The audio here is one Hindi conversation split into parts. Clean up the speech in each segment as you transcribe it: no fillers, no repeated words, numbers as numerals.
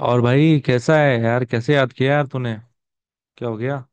और भाई कैसा है यार? कैसे याद किया यार तूने? क्या हो गया?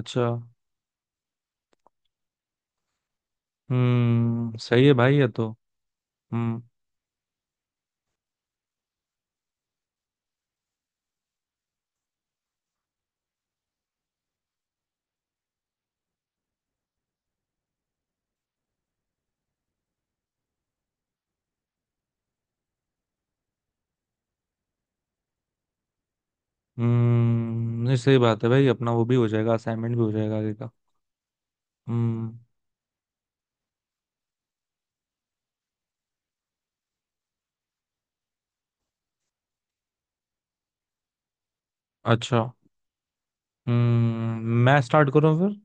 अच्छा। हम्म, सही है भाई ये तो। हम्म। हम्म, नहीं सही बात है भाई, अपना वो भी हो जाएगा, असाइनमेंट भी हो जाएगा आगे का। हम्म। अच्छा। हम्म, मैं स्टार्ट करूँ फिर?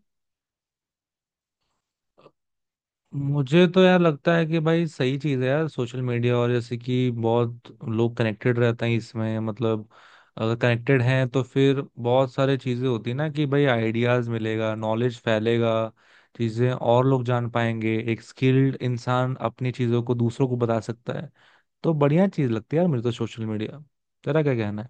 मुझे तो यार लगता है कि भाई सही चीज़ है यार सोशल मीडिया। और जैसे कि बहुत लोग कनेक्टेड रहते हैं इसमें, मतलब अगर कनेक्टेड हैं तो फिर बहुत सारे चीज़ें होती है ना, कि भाई आइडियाज़ मिलेगा, नॉलेज फैलेगा, चीज़ें और लोग जान पाएंगे। एक स्किल्ड इंसान अपनी चीज़ों को दूसरों को बता सकता है। तो बढ़िया चीज़ लगती है यार मुझे तो सोशल मीडिया। तेरा क्या कहना है?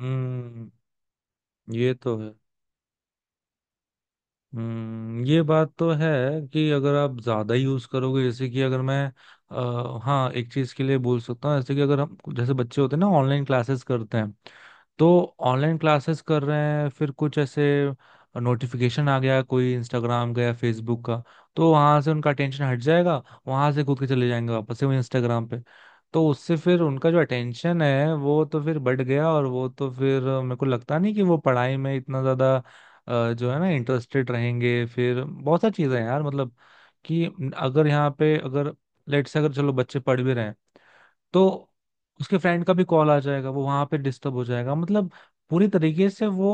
हम्म, ये तो है। हम्म, ये बात तो है कि अगर आप ज्यादा यूज करोगे। जैसे कि अगर मैं, हाँ, एक चीज के लिए बोल सकता हूँ। जैसे कि अगर हम, जैसे बच्चे होते हैं ना ऑनलाइन क्लासेस करते हैं, तो ऑनलाइन क्लासेस कर रहे हैं फिर कुछ ऐसे नोटिफिकेशन आ गया कोई इंस्टाग्राम का या फेसबुक का, तो वहां से उनका अटेंशन हट जाएगा। वहां से कूद के चले जाएंगे वापस से वो इंस्टाग्राम पे। तो उससे फिर उनका जो अटेंशन है वो तो फिर बढ़ गया, और वो तो फिर मेरे को लगता नहीं कि वो पढ़ाई में इतना ज्यादा जो है ना, इंटरेस्टेड रहेंगे। फिर बहुत सारी चीजें हैं यार, मतलब कि अगर यहाँ पे, अगर लेट से अगर चलो बच्चे पढ़ भी रहे हैं, तो उसके फ्रेंड का भी कॉल आ जाएगा, वो वहां पे डिस्टर्ब हो जाएगा। मतलब पूरी तरीके से वो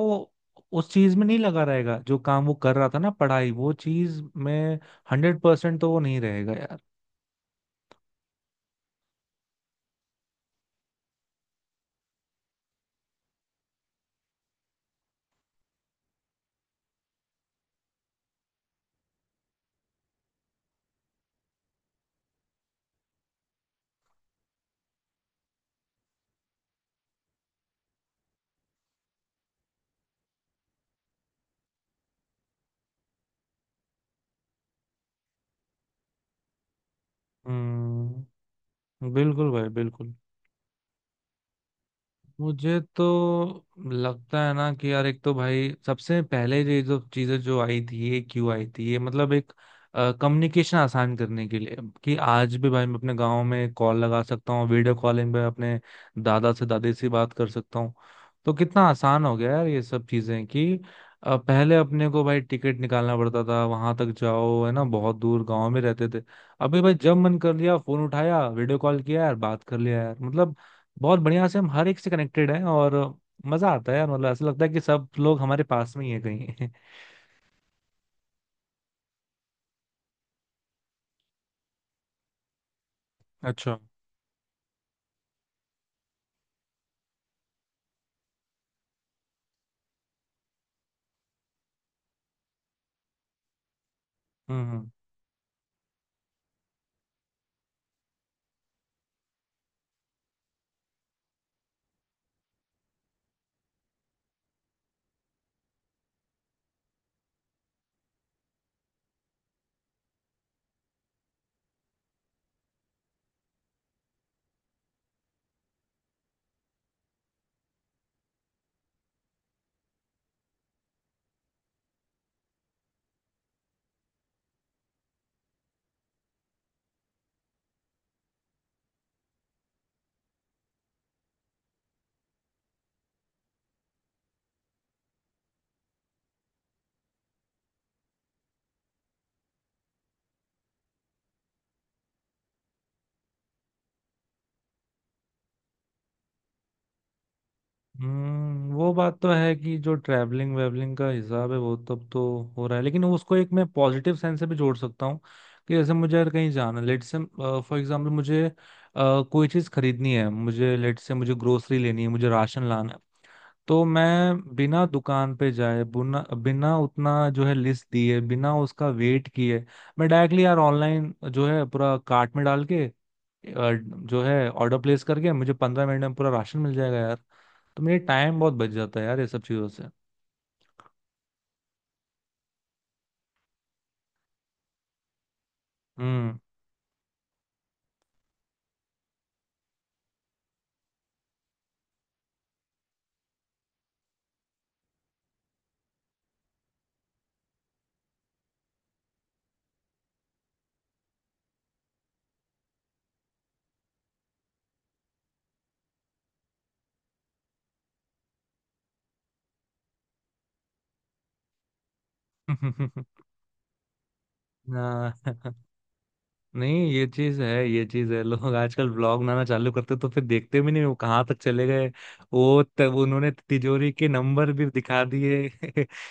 उस चीज में नहीं लगा रहेगा जो काम वो कर रहा था ना, पढ़ाई वो चीज में 100% तो वो नहीं रहेगा यार। हम्म। बिल्कुल भाई बिल्कुल। मुझे तो लगता है ना कि यार एक तो भाई सबसे पहले ये जो चीजें जो आई थी ये क्यों आई थी, ये मतलब एक कम्युनिकेशन आसान करने के लिए। कि आज भी भाई मैं अपने गांव में कॉल लगा सकता हूँ, वीडियो कॉलिंग पे अपने दादा से दादी से बात कर सकता हूँ। तो कितना आसान हो गया यार ये सब चीजें। कि पहले अपने को भाई टिकट निकालना पड़ता था, वहां तक जाओ, है ना, बहुत दूर गांव में रहते थे। अभी भाई जब मन कर लिया फोन उठाया वीडियो कॉल किया यार, बात कर लिया यार, मतलब बहुत बढ़िया से हम हर एक से कनेक्टेड हैं। और मजा आता है यार, मतलब ऐसा लगता है कि सब लोग हमारे पास में ही है कहीं अच्छा। हम्म। हम्म, वो बात तो है कि जो ट्रैवलिंग वेवलिंग का हिसाब है वो तब तो हो रहा है, लेकिन उसको एक मैं पॉजिटिव सेंस से भी जोड़ सकता हूँ। कि जैसे मुझे अगर कहीं जाना, लेट से फॉर एग्जांपल मुझे कोई चीज़ खरीदनी है, मुझे लेट से मुझे ग्रोसरी लेनी है, मुझे राशन लाना, तो मैं बिना दुकान पे जाए, बिना बिना उतना जो है लिस्ट दिए, बिना उसका वेट किए, मैं डायरेक्टली यार ऑनलाइन जो है पूरा कार्ट में डाल के अ, जो है ऑर्डर प्लेस करके मुझे 15 मिनट में पूरा राशन मिल जाएगा यार। तो मेरे टाइम बहुत बच जाता है यार ये सब चीजों से। हम्म। हाँ, नहीं ये चीज है, ये चीज है। लोग आजकल ब्लॉग बनाना चालू करते तो फिर देखते भी नहीं वो कहाँ तक चले गए। वो तब उन्होंने तिजोरी के नंबर भी दिखा दिए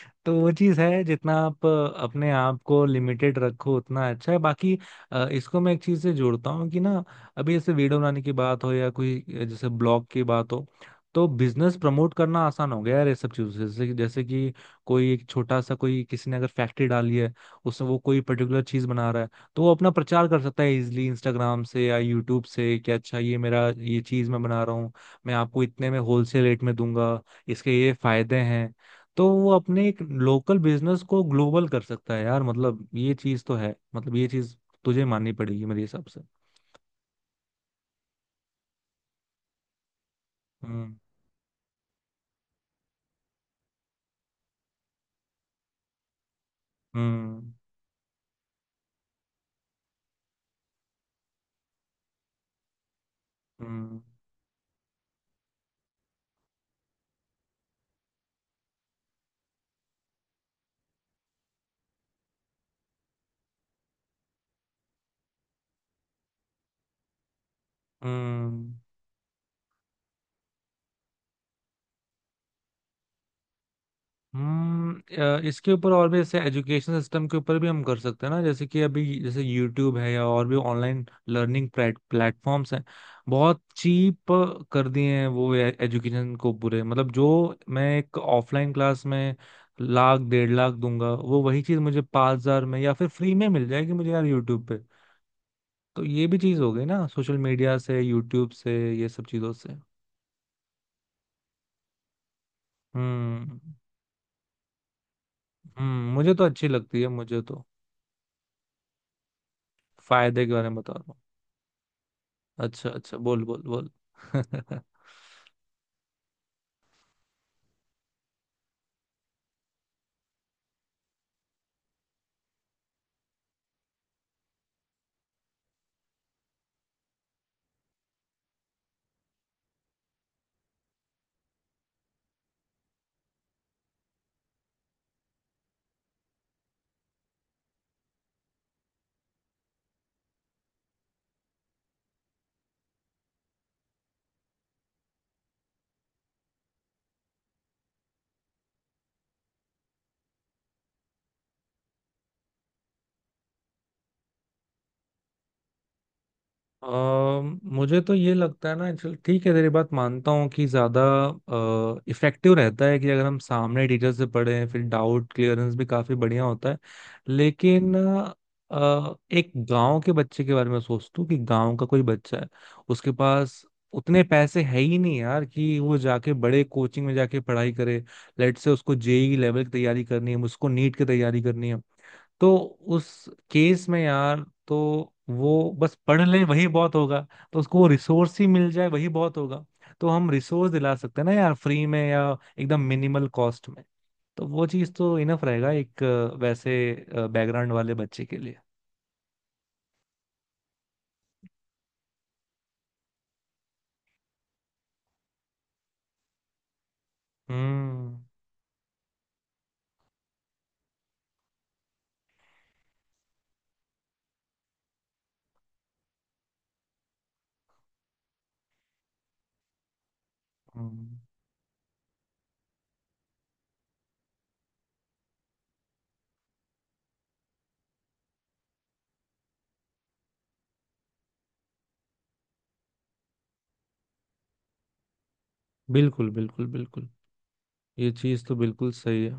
तो वो चीज है, जितना आप अपने आप को लिमिटेड रखो उतना अच्छा है। बाकी इसको मैं एक चीज से जोड़ता हूँ कि ना, अभी जैसे वीडियो बनाने की बात हो, या कोई जैसे ब्लॉग की बात हो, तो बिजनेस प्रमोट करना आसान हो गया यार ये सब चीजों से। जैसे जैसे कि कोई एक छोटा सा, कोई किसी ने अगर फैक्ट्री डाली है, उसमें वो कोई पर्टिकुलर चीज बना रहा है, तो वो अपना प्रचार कर सकता है इजिली इंस्टाग्राम से या यूट्यूब से कि अच्छा ये मेरा ये चीज मैं बना रहा हूँ, मैं आपको इतने में होलसेल रेट में दूंगा, इसके ये फायदे हैं। तो वो अपने एक लोकल बिजनेस को ग्लोबल कर सकता है यार, मतलब ये चीज तो है, मतलब ये चीज तुझे माननी पड़ेगी मेरे हिसाब से। हम्म। हम्म। हम्म। हम्म। हम्म। इसके ऊपर और भी जैसे एजुकेशन सिस्टम के ऊपर भी हम कर सकते हैं ना। जैसे कि अभी जैसे यूट्यूब है, या और भी ऑनलाइन लर्निंग प्लेटफॉर्म्स हैं, बहुत चीप कर दिए हैं वो एजुकेशन को पूरे। मतलब जो मैं एक ऑफलाइन क्लास में 1 लाख, 1.5 लाख दूंगा, वो वही चीज मुझे 5,000 में या फिर फ्री में मिल जाएगी मुझे यार यूट्यूब पे। तो ये भी चीज हो गई ना सोशल मीडिया से, यूट्यूब से, ये सब चीजों से। हम्म। हम्म, मुझे तो अच्छी लगती है मुझे तो। फायदे के बारे में बता रहा हूँ। अच्छा अच्छा, बोल बोल बोल। मुझे तो ये लगता है ना, चल ठीक है तेरी बात मानता हूँ कि ज्यादा इफेक्टिव रहता है कि अगर हम सामने टीचर से पढ़ें, फिर डाउट क्लियरेंस भी काफी बढ़िया होता है। लेकिन एक गांव के बच्चे के बारे में सोचता हूँ कि गांव का कोई बच्चा है, उसके पास उतने पैसे है ही नहीं यार कि वो जाके बड़े कोचिंग में जाके पढ़ाई करे। लेट से उसको जेई लेवल की तैयारी करनी है, उसको नीट की तैयारी करनी है, तो उस केस में यार तो वो बस पढ़ ले वही बहुत होगा। तो उसको वो रिसोर्स ही मिल जाए वही बहुत होगा। तो हम रिसोर्स दिला सकते हैं ना यार, फ्री में या एकदम मिनिमल कॉस्ट में। तो वो चीज़ तो इनफ रहेगा एक वैसे बैकग्राउंड वाले बच्चे के लिए। हम्म। हम्म, बिल्कुल बिल्कुल बिल्कुल, ये चीज़ तो बिल्कुल सही है।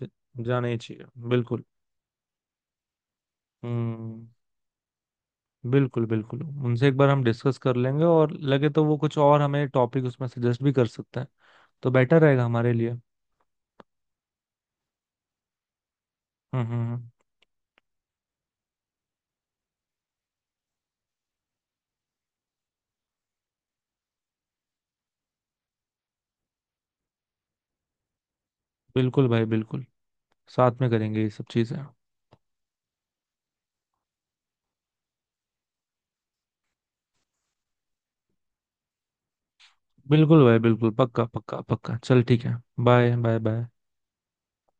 ज- जाना ही चाहिए, बिल्कुल। हम्म। बिल्कुल बिल्कुल, उनसे एक बार हम डिस्कस कर लेंगे, और लगे तो वो कुछ और हमें टॉपिक उसमें सजेस्ट भी कर सकते हैं, तो बेटर रहेगा हमारे लिए। हम्म। हम्म। हम्म। बिल्कुल भाई बिल्कुल, साथ में करेंगे ये सब चीजें। बिल्कुल भाई बिल्कुल, पक्का पक्का पक्का, चल ठीक है। Bye bye bye.